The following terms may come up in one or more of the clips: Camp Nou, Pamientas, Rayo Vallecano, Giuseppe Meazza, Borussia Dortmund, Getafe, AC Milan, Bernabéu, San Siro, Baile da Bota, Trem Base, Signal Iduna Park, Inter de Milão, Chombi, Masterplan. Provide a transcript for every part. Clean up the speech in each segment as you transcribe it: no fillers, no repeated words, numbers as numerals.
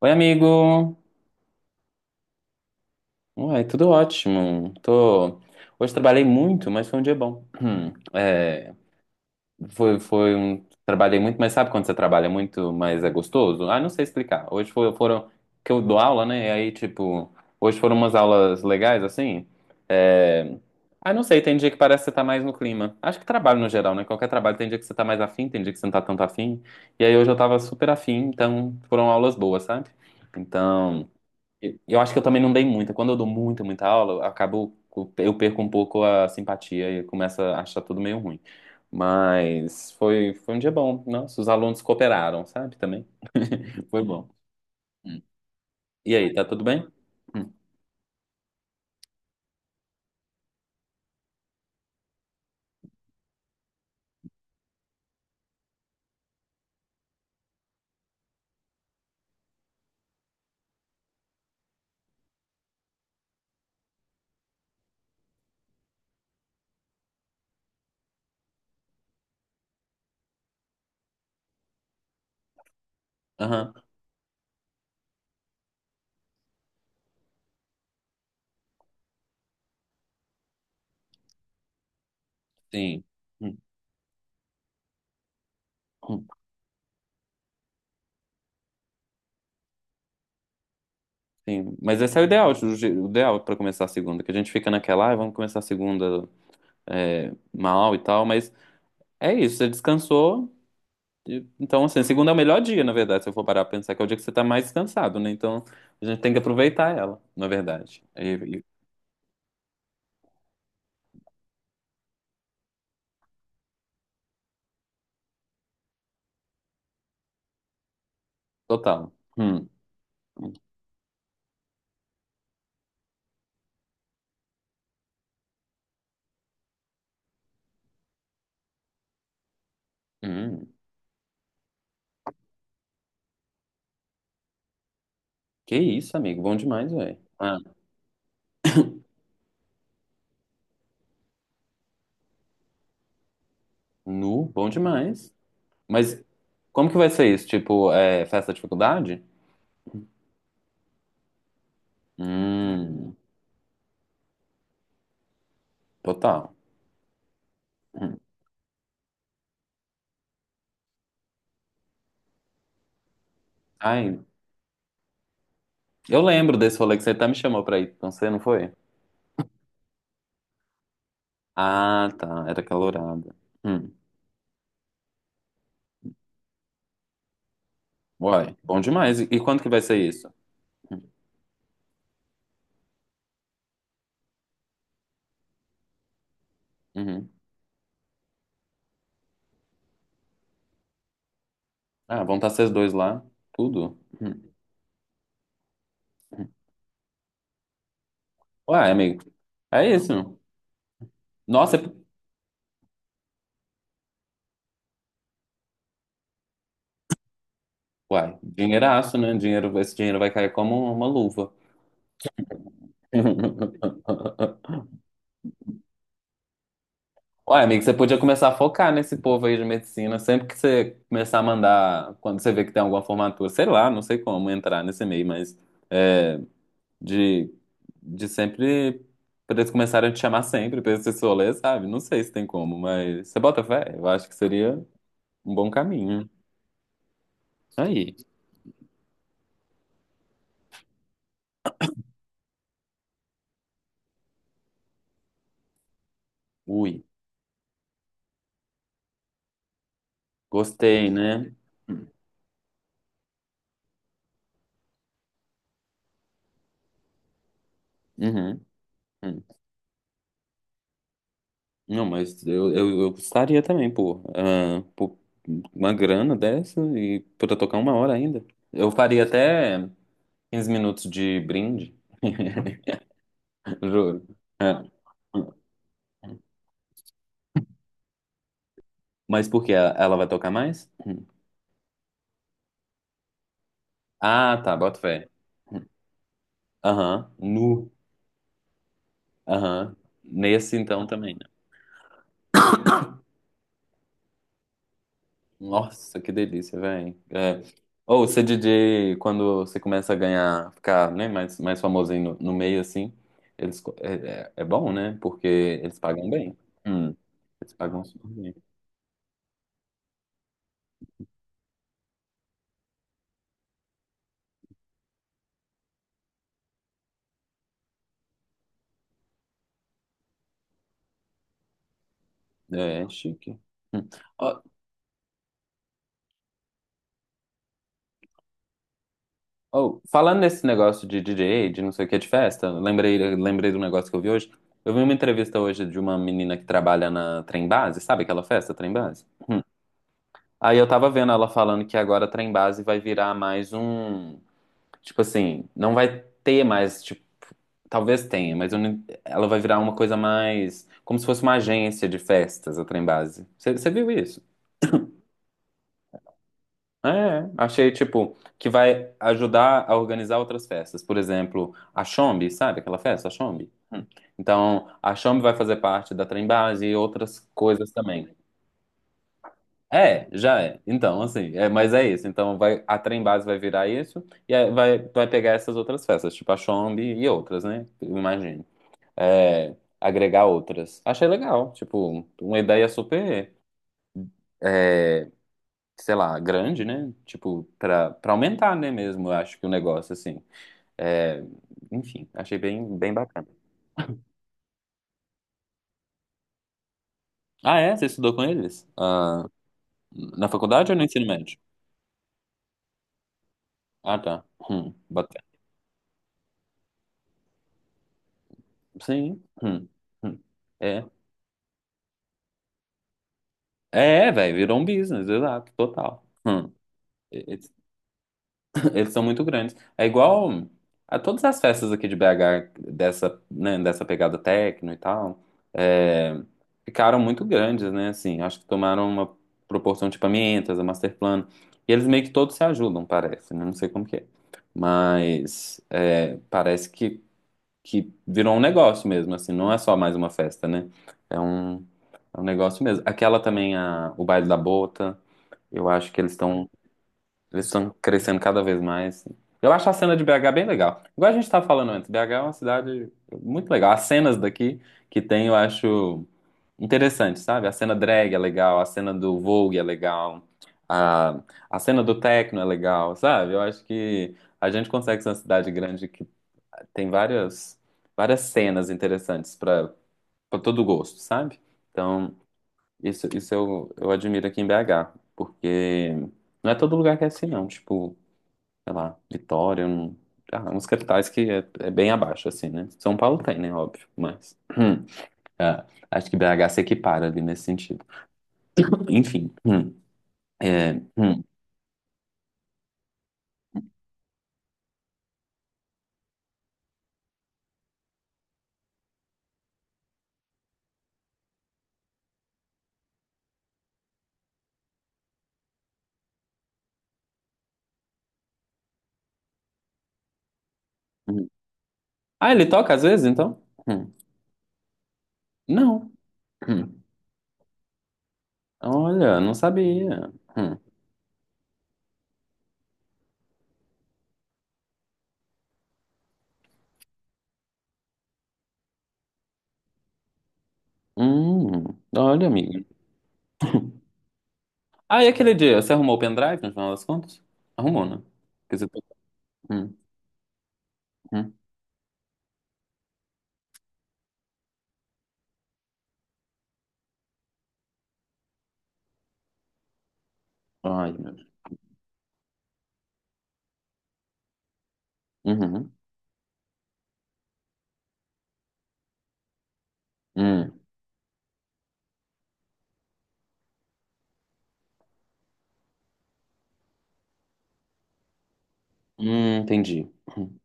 Oi, amigo! Uai, tudo ótimo. Hoje trabalhei muito, mas foi um dia bom. É, Trabalhei muito, mas sabe quando você trabalha muito, mas é gostoso? Ah, não sei explicar. Que eu dou aula, né? Hoje foram umas aulas legais, assim. É... Ah, não sei, tem dia que parece que você tá mais no clima. Acho que trabalho no geral, né? Qualquer trabalho tem dia que você tá mais afim, tem dia que você não tá tanto afim. E aí hoje eu tava super afim, então foram aulas boas, sabe? Então... Eu acho que eu também não dei muita. Quando eu dou muita aula, eu acabo, eu perco um pouco a simpatia e começo a achar tudo meio ruim. Mas foi um dia bom. Nossa, os alunos cooperaram, sabe? Também. Foi bom. Hum. E aí, tá tudo bem? Hum. Aham, sim. Hum, hum, sim. Mas esse é o ideal, o ideal para começar a segunda, que a gente fica naquela, ah, vamos começar a segunda é, mal e tal, mas é isso, você descansou, Então, assim, segunda é o melhor dia, na verdade, se eu for parar pra pensar, que é o dia que você tá mais cansado, né? Então, a gente tem que aproveitar ela, na verdade. Total. Hum, hum. Que isso, amigo. Bom demais, velho. Ah, nu, bom demais. Mas como que vai ser isso? Tipo, é, festa de faculdade? Hum, total. Hum. Ai, eu lembro desse rolê que você até me chamou pra ir com você, não foi? Ah, tá. Era calorada. Hum. Uai, bom demais. E quando que vai ser isso? Uhum. Ah, vão estar vocês dois lá. Tudo. Hum. Uai, amigo. É isso. Nossa, é- uai, dinheiraço, né? Dinheiro, esse dinheiro vai cair como uma luva. Uai, amigo, você podia começar a focar nesse povo aí de medicina. Sempre que você começar a mandar, quando você vê que tem alguma formatura, sei lá, não sei como entrar nesse meio, mas é, de, de sempre. Pra eles começarem a te chamar sempre, pra esse rolê, sabe? Não sei se tem como, mas você bota fé. Eu acho que seria um bom caminho. Aí. Ui. Gostei, né? Uhum, uhum. Não, mas eu gostaria também, pô. Ah, pô, uma grana dessa e pra tocar uma hora ainda. Eu faria até 15 minutos de brinde. Juro. É. Mas por quê? Ela vai tocar mais? Hum. Ah, tá, bota fé. Aham. Nu. Aham. Nesse então também. Nossa, que delícia, velho. É. Ou ser DJ, quando você começa a ganhar, ficar, né, mais famosinho no meio, assim, eles, co- é, é, é bom, né? Porque eles pagam bem. Hum, eles pagam super bem. É, é chique. Hum. Ó, ó, falando nesse negócio de DJ, de não sei o que, de festa, lembrei do negócio que eu vi hoje. Eu vi uma entrevista hoje de uma menina que trabalha na Trem Base, sabe aquela festa, Trem Base? Hum. Aí eu tava vendo ela falando que agora a Trem Base vai virar mais um. Tipo assim, não vai ter mais, tipo, talvez tenha, mas eu não- ela vai virar uma coisa mais, como se fosse uma agência de festas, a Trembase. Você viu isso? É, achei, tipo, que vai ajudar a organizar outras festas. Por exemplo, a Chombi, sabe aquela festa, a Chombi? Então, a Chombi vai fazer parte da Trembase e outras coisas também. É, já é. Mas é isso. Então, vai, a Trembase vai virar isso e aí vai pegar essas outras festas, tipo a Chombi e outras, né? Eu imagino. É, agregar outras. Achei legal, tipo, uma ideia super, é, sei lá, grande, né? Tipo, pra aumentar, né, mesmo, eu acho que o negócio, assim. É, enfim, achei bem bacana. Ah, é? Você estudou com eles? Ah, na faculdade ou no ensino médio? Ah, tá. Bacana. Sim. Hum. É, é, velho, virou um business, exato, total. Hum. Eles são muito grandes. É igual a todas as festas aqui de BH, dessa, né, dessa pegada techno e tal, é, ficaram muito grandes, né? Assim, acho que tomaram uma proporção de Pamientas, a Masterplan. E eles meio que todos se ajudam, parece, né? Não sei como que é. Mas é, parece que virou um negócio mesmo, assim, não é só mais uma festa, né? É um, é um negócio mesmo. Aquela também, a, o Baile da Bota, eu acho que eles estão crescendo cada vez mais. Eu acho a cena de BH bem legal. Igual a gente estava falando antes, BH é uma cidade muito legal. As cenas daqui que tem, eu acho interessante, sabe? A cena drag é legal, a cena do Vogue é legal, a, a cena do techno é legal, sabe? Eu acho que a gente consegue ser uma cidade grande que tem várias cenas interessantes para todo gosto, sabe? Então, isso eu admiro aqui em BH, porque não é todo lugar que é assim, não. Tipo, sei lá, Vitória, um, ah, uns capitais que é, é bem abaixo, assim, né? São Paulo tem, né? Óbvio, mas é, acho que BH se equipara ali nesse sentido. Enfim. É, hum, hum. Ah, ele toca às vezes, então? Hum, Não. Hum, olha, não sabia. Hum, Olha, amiga. Ah, e aquele dia, você arrumou o pendrive, no final das contas? Arrumou, né? Quer dizer, hum, hum. Ai, meu Deus. Uhum, hum, entendi. Hum,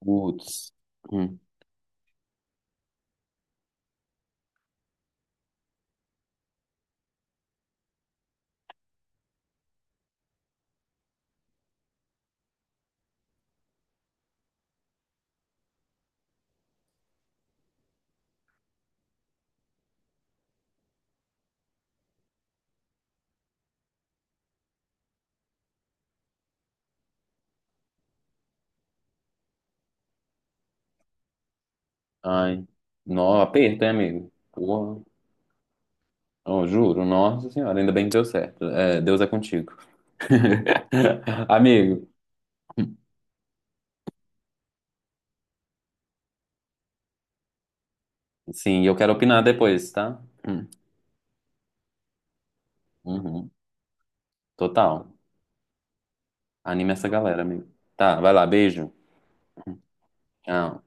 Putz. Hum. Ai, nó, aperto, hein, amigo? Porra. Oh, juro, nossa senhora, ainda bem que deu certo. É, Deus é contigo. Amigo, sim, eu quero opinar depois, tá? Hum, uhum, total. Anime essa galera, amigo. Tá, vai lá, beijo. Tchau.